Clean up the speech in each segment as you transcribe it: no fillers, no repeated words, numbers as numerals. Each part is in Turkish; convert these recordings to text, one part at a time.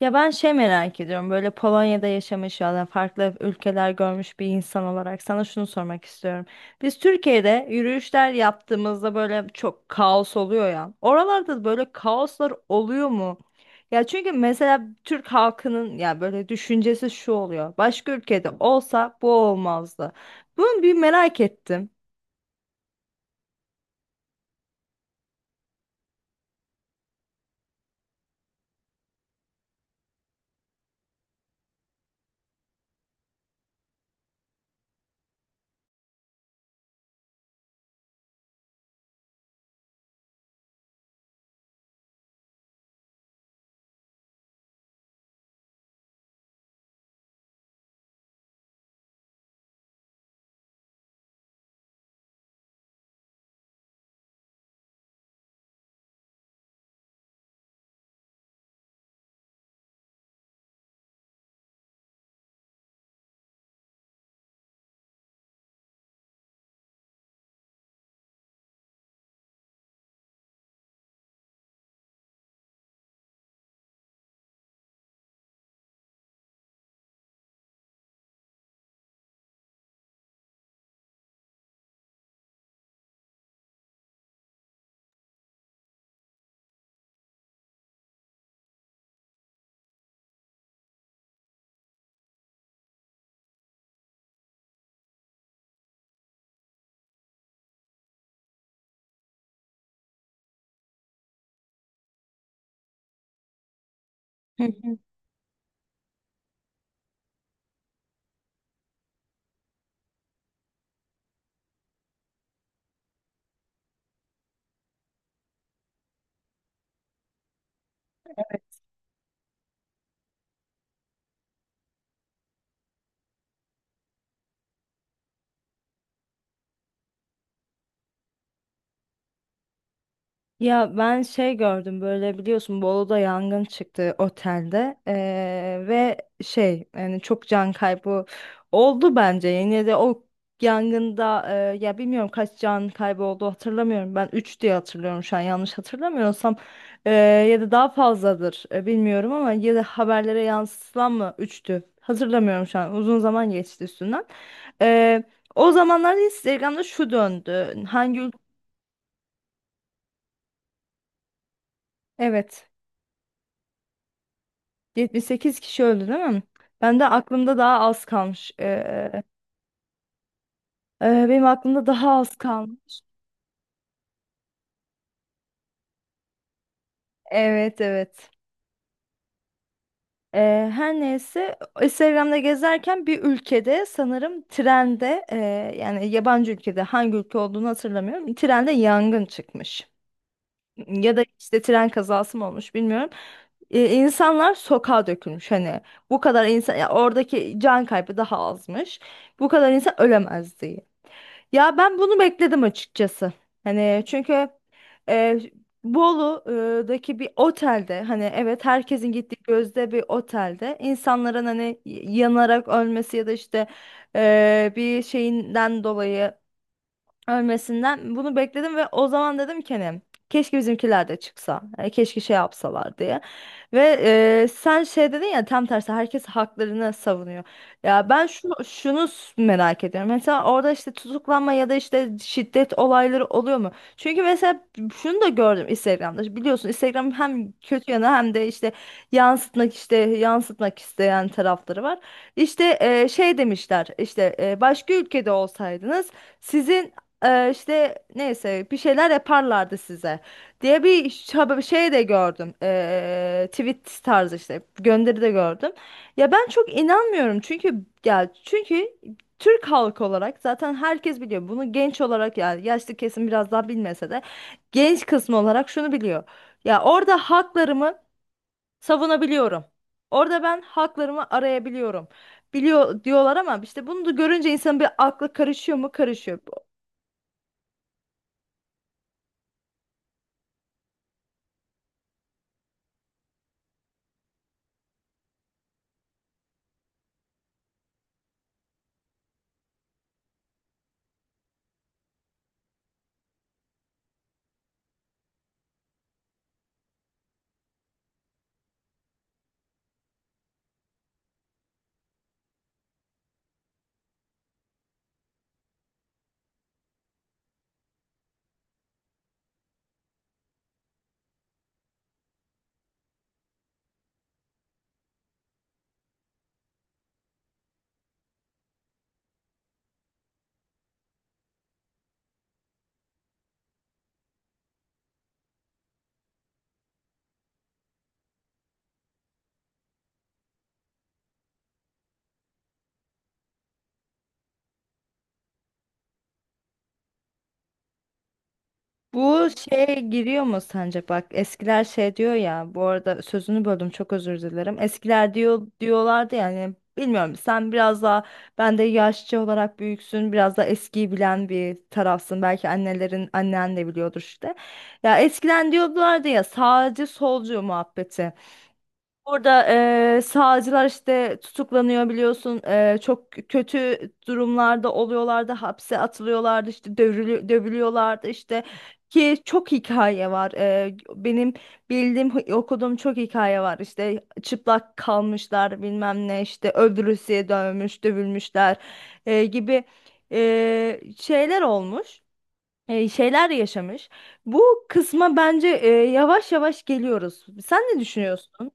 Ya ben şey merak ediyorum, böyle Polonya'da yaşamış ya da farklı ülkeler görmüş bir insan olarak sana şunu sormak istiyorum. Biz Türkiye'de yürüyüşler yaptığımızda böyle çok kaos oluyor ya. Oralarda da böyle kaoslar oluyor mu? Ya çünkü mesela Türk halkının ya böyle düşüncesi şu oluyor: başka ülkede olsa bu olmazdı. Bunu bir merak ettim. Ya ben şey gördüm, böyle biliyorsun, Bolu'da yangın çıktı otelde, ve şey, yani çok can kaybı oldu bence yine de o yangında, ya bilmiyorum, kaç can kaybı oldu hatırlamıyorum, ben 3 diye hatırlıyorum şu an, yanlış hatırlamıyorsam. Ee, Ya da daha fazladır, bilmiyorum, ama ya da haberlere yansıtılan mı üçtü, hatırlamıyorum şu an, uzun zaman geçti üstünden. Ee, O zamanlar Instagram'da şu döndü, evet, 78 kişi öldü değil mi? Ben de aklımda daha az kalmış. Benim aklımda daha az kalmış. Evet, evet. Her neyse, Instagram'da gezerken bir ülkede sanırım trende, yani yabancı ülkede, hangi ülke olduğunu hatırlamıyorum. Trende yangın çıkmış. Ya da işte tren kazası mı olmuş, bilmiyorum. İnsanlar sokağa dökülmüş, hani bu kadar insan, ya oradaki can kaybı daha azmış, bu kadar insan ölemez diye. Ya ben bunu bekledim açıkçası. Hani çünkü e, Bolu'daki bir otelde, hani evet, herkesin gittiği gözde bir otelde, insanların hani yanarak ölmesi ya da işte bir şeyinden dolayı ölmesinden, bunu bekledim. Ve o zaman dedim ki, hani keşke bizimkiler de çıksa, hani keşke şey yapsalar diye. Ve sen şey dedin ya, tam tersi herkes haklarını savunuyor. Ya ben şunu merak ediyorum, mesela orada işte tutuklanma ya da işte şiddet olayları oluyor mu? Çünkü mesela şunu da gördüm Instagram'da, biliyorsun Instagram hem kötü yanı hem de işte yansıtmak, işte yansıtmak isteyen tarafları var. İşte şey demişler, işte başka ülkede olsaydınız sizin, işte neyse, bir şeyler yaparlardı size diye bir şey de gördüm. Tweet tarzı işte gönderi de gördüm. Ya ben çok inanmıyorum, çünkü ya çünkü Türk halkı olarak zaten herkes biliyor bunu, genç olarak yani, yaşlı kesim biraz daha bilmese de genç kısmı olarak şunu biliyor: ya orada haklarımı savunabiliyorum, orada ben haklarımı arayabiliyorum, biliyor diyorlar. Ama işte bunu da görünce insan bir, aklı karışıyor mu? Karışıyor. Bu şeye giriyor mu sence? Bak, eskiler şey diyor ya. Bu arada sözünü böldüm, çok özür dilerim. Eskiler diyorlardı yani, bilmiyorum, sen biraz daha, ben de yaşça olarak büyüksün. Biraz daha eskiyi bilen bir tarafsın. Belki annelerin, annen de biliyordur işte. Ya eskiden diyorlardı ya, sağcı solcu muhabbeti. Orada sağcılar işte tutuklanıyor biliyorsun. Çok kötü durumlarda oluyorlardı. Hapse atılıyorlardı, işte dövülüyorlardı işte, ki çok hikaye var. Benim bildiğim, okuduğum çok hikaye var. İşte çıplak kalmışlar, bilmem ne, işte öldürülmüş, dövmüş, dövülmüşler gibi şeyler olmuş, şeyler yaşamış. Bu kısma bence yavaş yavaş geliyoruz. Sen ne düşünüyorsun?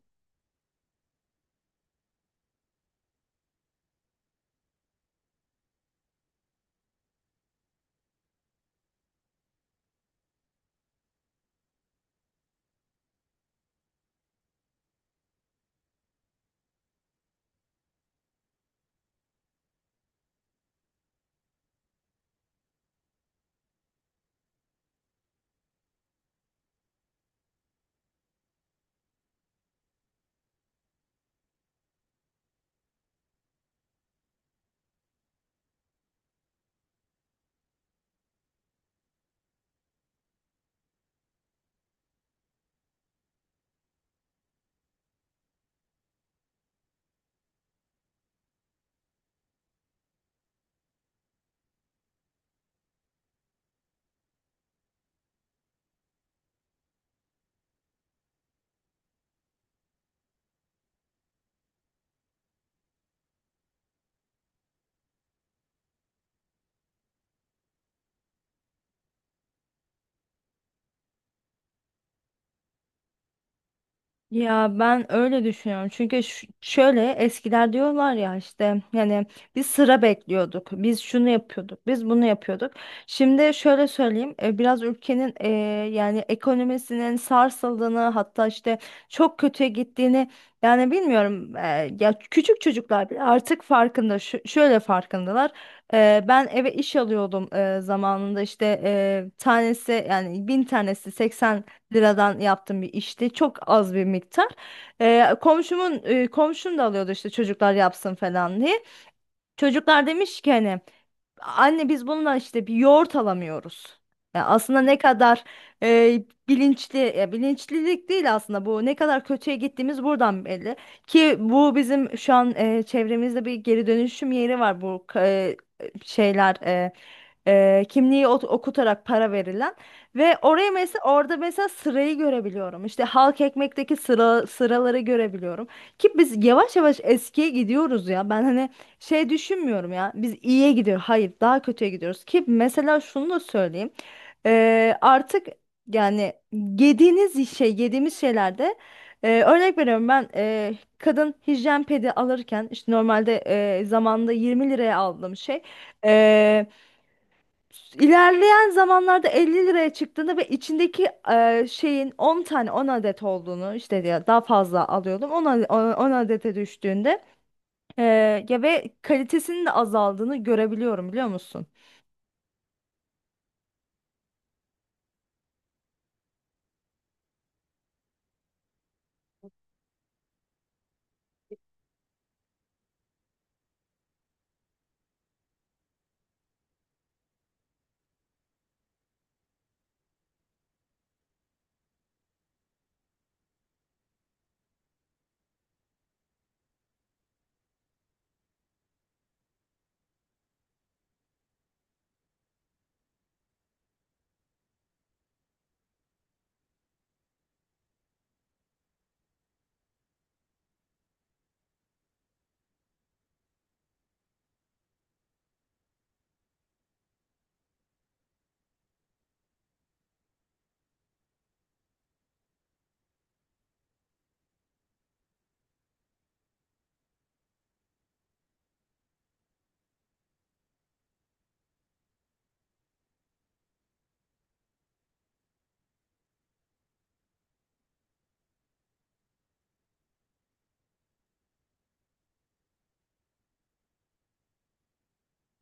Ya ben öyle düşünüyorum. Çünkü şöyle, eskiler diyorlar ya işte, yani biz sıra bekliyorduk, biz şunu yapıyorduk, biz bunu yapıyorduk. Şimdi şöyle söyleyeyim: biraz ülkenin, yani ekonomisinin sarsıldığını, hatta işte çok kötüye gittiğini, yani bilmiyorum. Ya küçük çocuklar bile artık farkında. Şöyle farkındalar. Ben eve iş alıyordum zamanında, işte tanesi, yani 1000 tanesi 80 liradan yaptığım bir işte. Çok az bir miktar. Komşum da alıyordu işte, çocuklar yapsın falan diye. Çocuklar demiş ki, hani: "Anne, biz bununla işte bir yoğurt alamıyoruz." Ya aslında, ne kadar e, bilinçli, ya bilinçlilik değil aslında, bu ne kadar kötüye gittiğimiz buradan belli. Ki bu, bizim şu an çevremizde bir geri dönüşüm yeri var, bu şeyler e, kimliği okutarak para verilen, ve oraya mesela, orada mesela sırayı görebiliyorum. İşte halk ekmekteki sıra sıraları görebiliyorum. Ki biz yavaş yavaş eskiye gidiyoruz ya. Ben hani şey düşünmüyorum, ya biz iyiye gidiyor, hayır, daha kötüye gidiyoruz. Ki mesela şunu da söyleyeyim: artık, yani yediğiniz şey yediğimiz şeylerde, örnek veriyorum, ben kadın hijyen pedi alırken, işte normalde zamanında 20 liraya aldığım şey e, ilerleyen zamanlarda 50 liraya çıktığında, ve içindeki şeyin 10 tane, 10 adet olduğunu, işte ya daha fazla alıyordum, 10, 10 adete düştüğünde, ya, ve kalitesinin de azaldığını görebiliyorum, biliyor musun?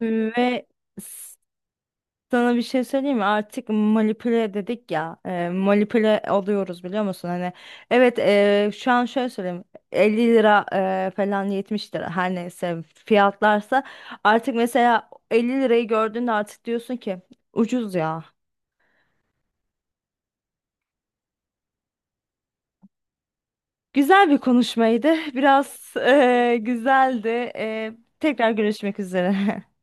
Ve s- sana bir şey söyleyeyim mi? Artık manipüle dedik ya, manipüle alıyoruz biliyor musun? Hani evet, şu an şöyle söyleyeyim: 50 lira falan, 70 lira, her neyse fiyatlarsa, artık mesela 50 lirayı gördüğünde artık diyorsun ki ucuz ya. Güzel bir konuşmaydı. Biraz güzeldi. E, Tekrar görüşmek üzere.